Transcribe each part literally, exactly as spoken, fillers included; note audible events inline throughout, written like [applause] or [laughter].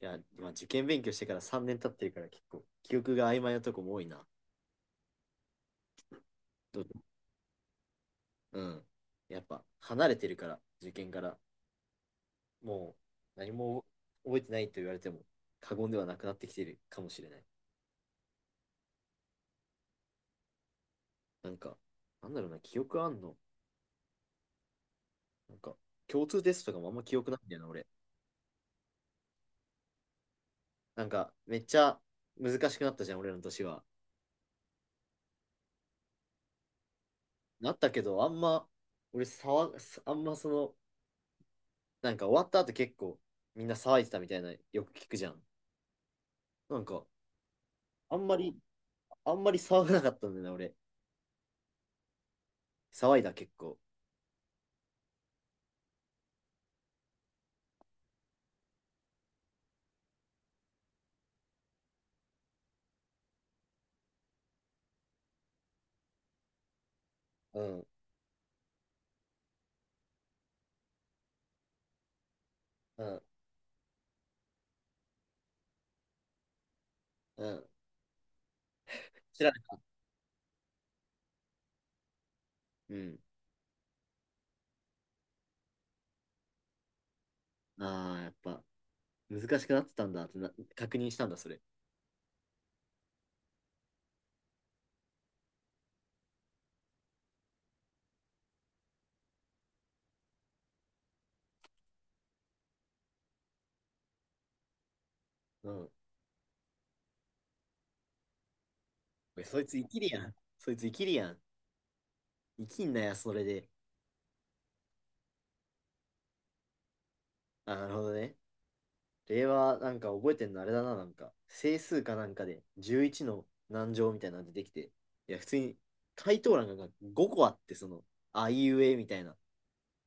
いや、まあ、受験勉強してからさんねん経ってるから結構記憶が曖昧なとこも多いな。どううん。やっぱ離れてるから、受験から。もう何も覚えてないと言われても過言ではなくなってきてるかもしれない。なんか、なんだろうな、記憶あんのなんか、共通テストとかもあんま記憶ないんだよな、俺。なんか、めっちゃ難しくなったじゃん、俺の年は。なったけど、あんま、俺騒が、あんまその、なんか終わった後結構みんな騒いでたみたいな、よく聞くじゃん。なんか、あんまりあんまり騒がなかったんだよな、俺。騒いだ、結構。うん、うん、うん。知らない。うん。ああ、やっぱ、難しくなってたんだってな、確認したんだ、それ。うん。おいそいつ生きるやん。そいつ生きるやん。生きんなや、それで。あなるほどね。令和、なんか覚えてんのあれだな、なんか。整数かなんかで、じゅういちの何乗みたいなの出てきて。いや、普通に、回答欄がごこあって、その、あいうえみたいな。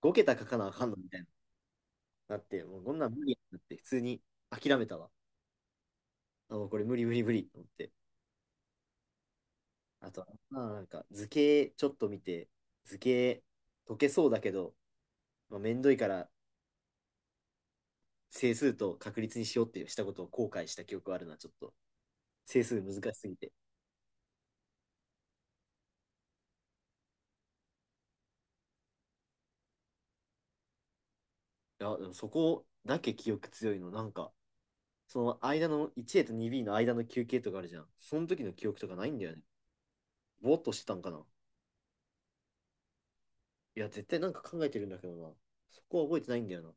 ご桁書かなあかんのみたいな。なって、もうこんなん無理やんって、普通に諦めたわ。あ、もうこれ無理無理無理と思って。あと、まあなんか図形ちょっと見て、図形解けそうだけど、まあ、めんどいから整数と確率にしようってしたことを後悔した記憶があるな、ちょっと。整数難しすぎて。いや、でもそこだけ記憶強いの、なんか、その間の ワンエー と ツービー の間の休憩とかあるじゃん。その時の記憶とかないんだよね。ぼーっとしてたんかな。いや、絶対なんか考えてるんだけどな。そこは覚えてないんだよな。だか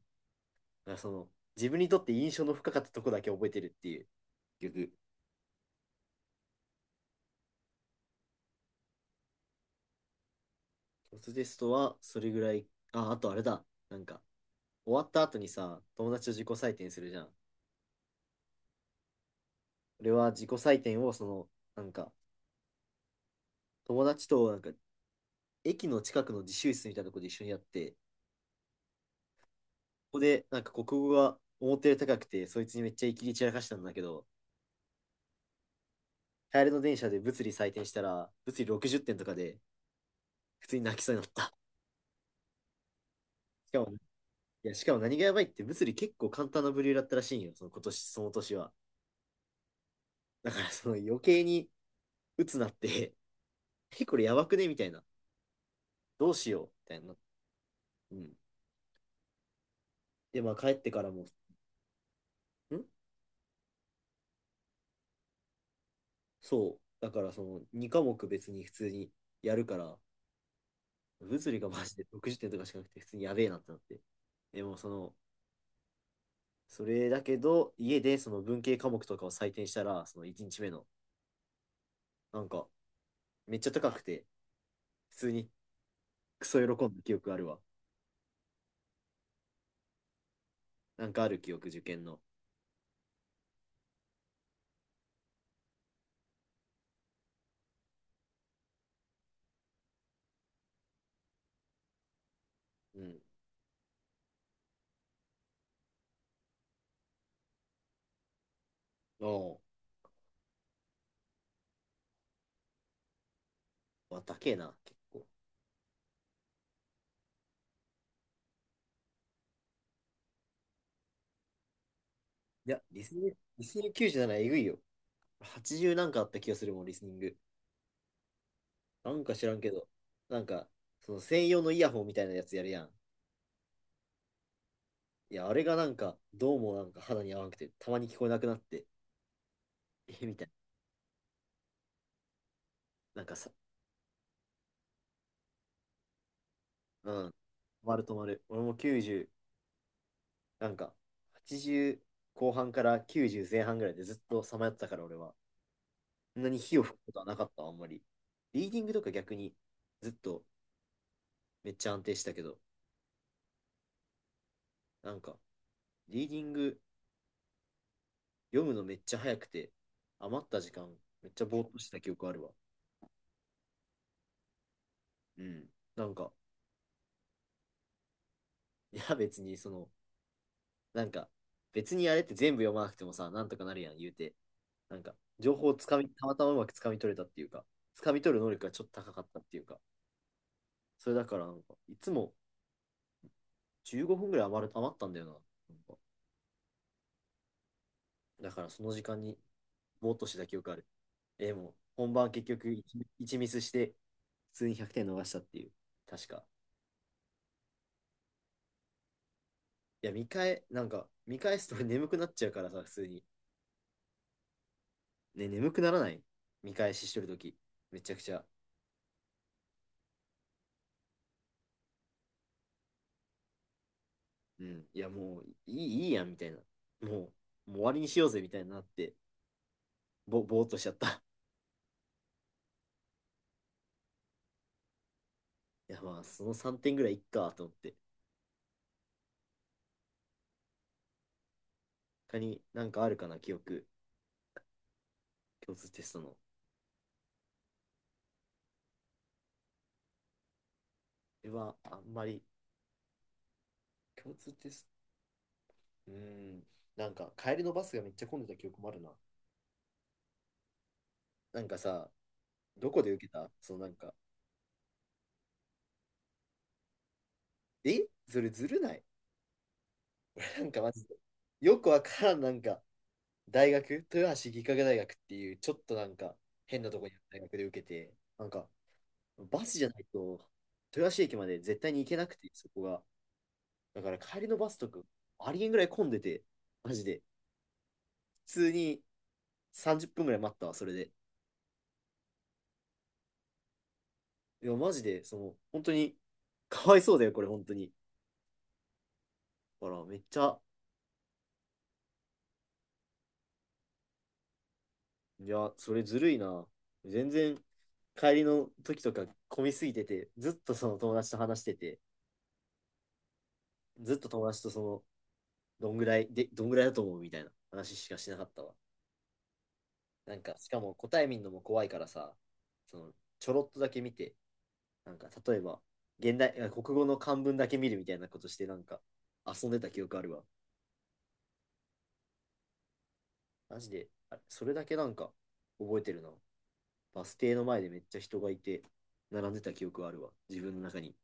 らその、自分にとって印象の深かったとこだけ覚えてるっていう。結局ロステストはそれぐらい。あ、あとあれだ。なんか、終わった後にさ、友達と自己採点するじゃん。俺は自己採点を、その、なんか、友達と、なんか、駅の近くの自習室みたいなとこで一緒にやって、ここで、なんか、国語が思ったより高くて、そいつにめっちゃイキリ散らかしたんだけど、帰りの電車で物理採点したら、物理ろくじゅってんとかで、普通に泣きそうになった。しかも、いや、しかも何がやばいって、物理結構簡単な部類だったらしいんよ、その今年、その年は。だから、その余計に鬱なって、[laughs] え、これやばくねみたいな。どうしようみたいな。うん、で、まあ帰ってからも、んそう。だからそのに科目別に普通にやるから、物理がマジでろくじゅってんとかしかなくて普通にやべえなってなって。でもその、それだけど、家でその文系科目とかを採点したら、そのいちにちめの、なんか、めっちゃ高くて、普通にクソ喜んだ記憶あるわ。なんかある記憶、受験の。うん。おう。わ、高えな、結構。いや、リスニング、リスニングきゅうじゅうななえぐいよ。はちじゅうなんかあった気がするもん、リスニング。なんか知らんけど、なんか、その専用のイヤホンみたいなやつやるやん。いや、あれがなんか、どうもなんか肌に合わなくて、たまに聞こえなくなって、[laughs] え、みたいな。なんかさ、うん。止まる止まる。俺もきゅうじゅう、なんか、はちじゅう後半からきゅうじゅう前半ぐらいでずっとさまよってたから俺は。そんなに火を吹くことはなかった、あんまり。リーディングとか逆にずっとめっちゃ安定したけど、なんか、リーディング読むのめっちゃ早くて、余った時間めっちゃぼーっとしてた記憶あるわ。うん。なんか、いや、別に、その、なんか、別にあれって全部読まなくてもさ、なんとかなるやん、言うて。なんか、情報をつかみ、たまたまうまくつかみ取れたっていうか、つかみ取る能力がちょっと高かったっていうか、それだから、なんか、いつもじゅうごふんぐらい余る、余ったんだよな。なんかだから、その時間にぼーっとしてた記憶ある。えーもう、本番結局いち、一ミスして、普通にひゃくてん逃したっていう、確か。いや、見返、なんか、見返すと [laughs] 俺眠くなっちゃうからさ、普通に。ね、眠くならない見返ししてるとき、めちゃくちゃ。うん、いやもういい、いいやんみたいな。もう、もう終わりにしようぜみたいになって、ぼ、ぼーっとしちゃった。[laughs] いやまあ、そのさんてんぐらいいっかと思って。他になんかあるかな、記憶、共通テストの。これはあんまり、共通テスト、うん、なんか帰りのバスがめっちゃ混んでた記憶もあるな。なんかさ、どこで受けたそのなんか、えそれずるない [laughs] なんかマジで。よくわからん、なんか、大学、豊橋技科学大学っていう、ちょっとなんか、変なとこにある大学で受けて、なんか、バスじゃないと、豊橋駅まで絶対に行けなくて、そこが。だから帰りのバスとか、ありえんぐらい混んでて、マジで。普通にさんじゅっぷんぐらい待ったわ、それで。いや、マジで、その、本当に、かわいそうだよ、これ、本当に。ほら、めっちゃ、いや、それずるいな。全然、帰りの時とか混みすぎてて、ずっとその友達と話してて、ずっと友達とその、どんぐらいで、どんぐらいだと思うみたいな話しかしなかったわ。なんか、しかも答え見るのも怖いからさ、その、ちょろっとだけ見て、なんか、例えば、現代、あ国語の漢文だけ見るみたいなことして、なんか、遊んでた記憶あるわ。マジで、あれそれだけなんか、覚えてるな。バス停の前でめっちゃ人がいて、並んでた記憶はあるわ。自分の中に。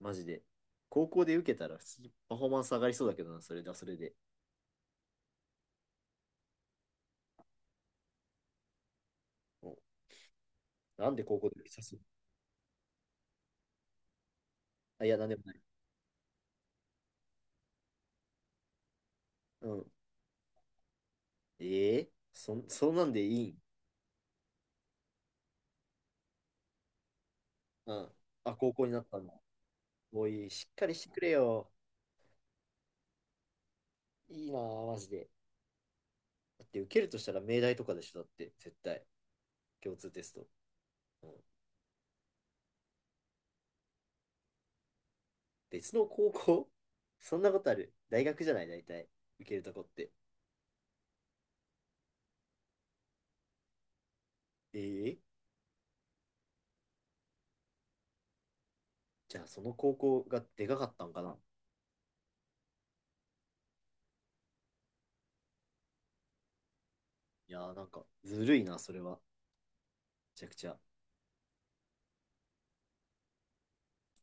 マジで。高校で受けたら、普通にパフォーマンス上がりそうだけどな、それだ、それで。もうなんで高校で受けさせるあ、いや、なんでもない。うん。ええー、そん、そんなんでいいんうん。あ、高校になったんだ。もういい、しっかりしてくれよ。いいなあ、マジで。だって受けるとしたら命題とかでしょ、だって、絶対。共通テスト。うん、別の高校 [laughs] そんなことある。大学じゃない、大体。受けるとこって。ええじゃあその高校がでかかったんかな。いやーなんか、ずるいな、それは。めちゃくちゃ。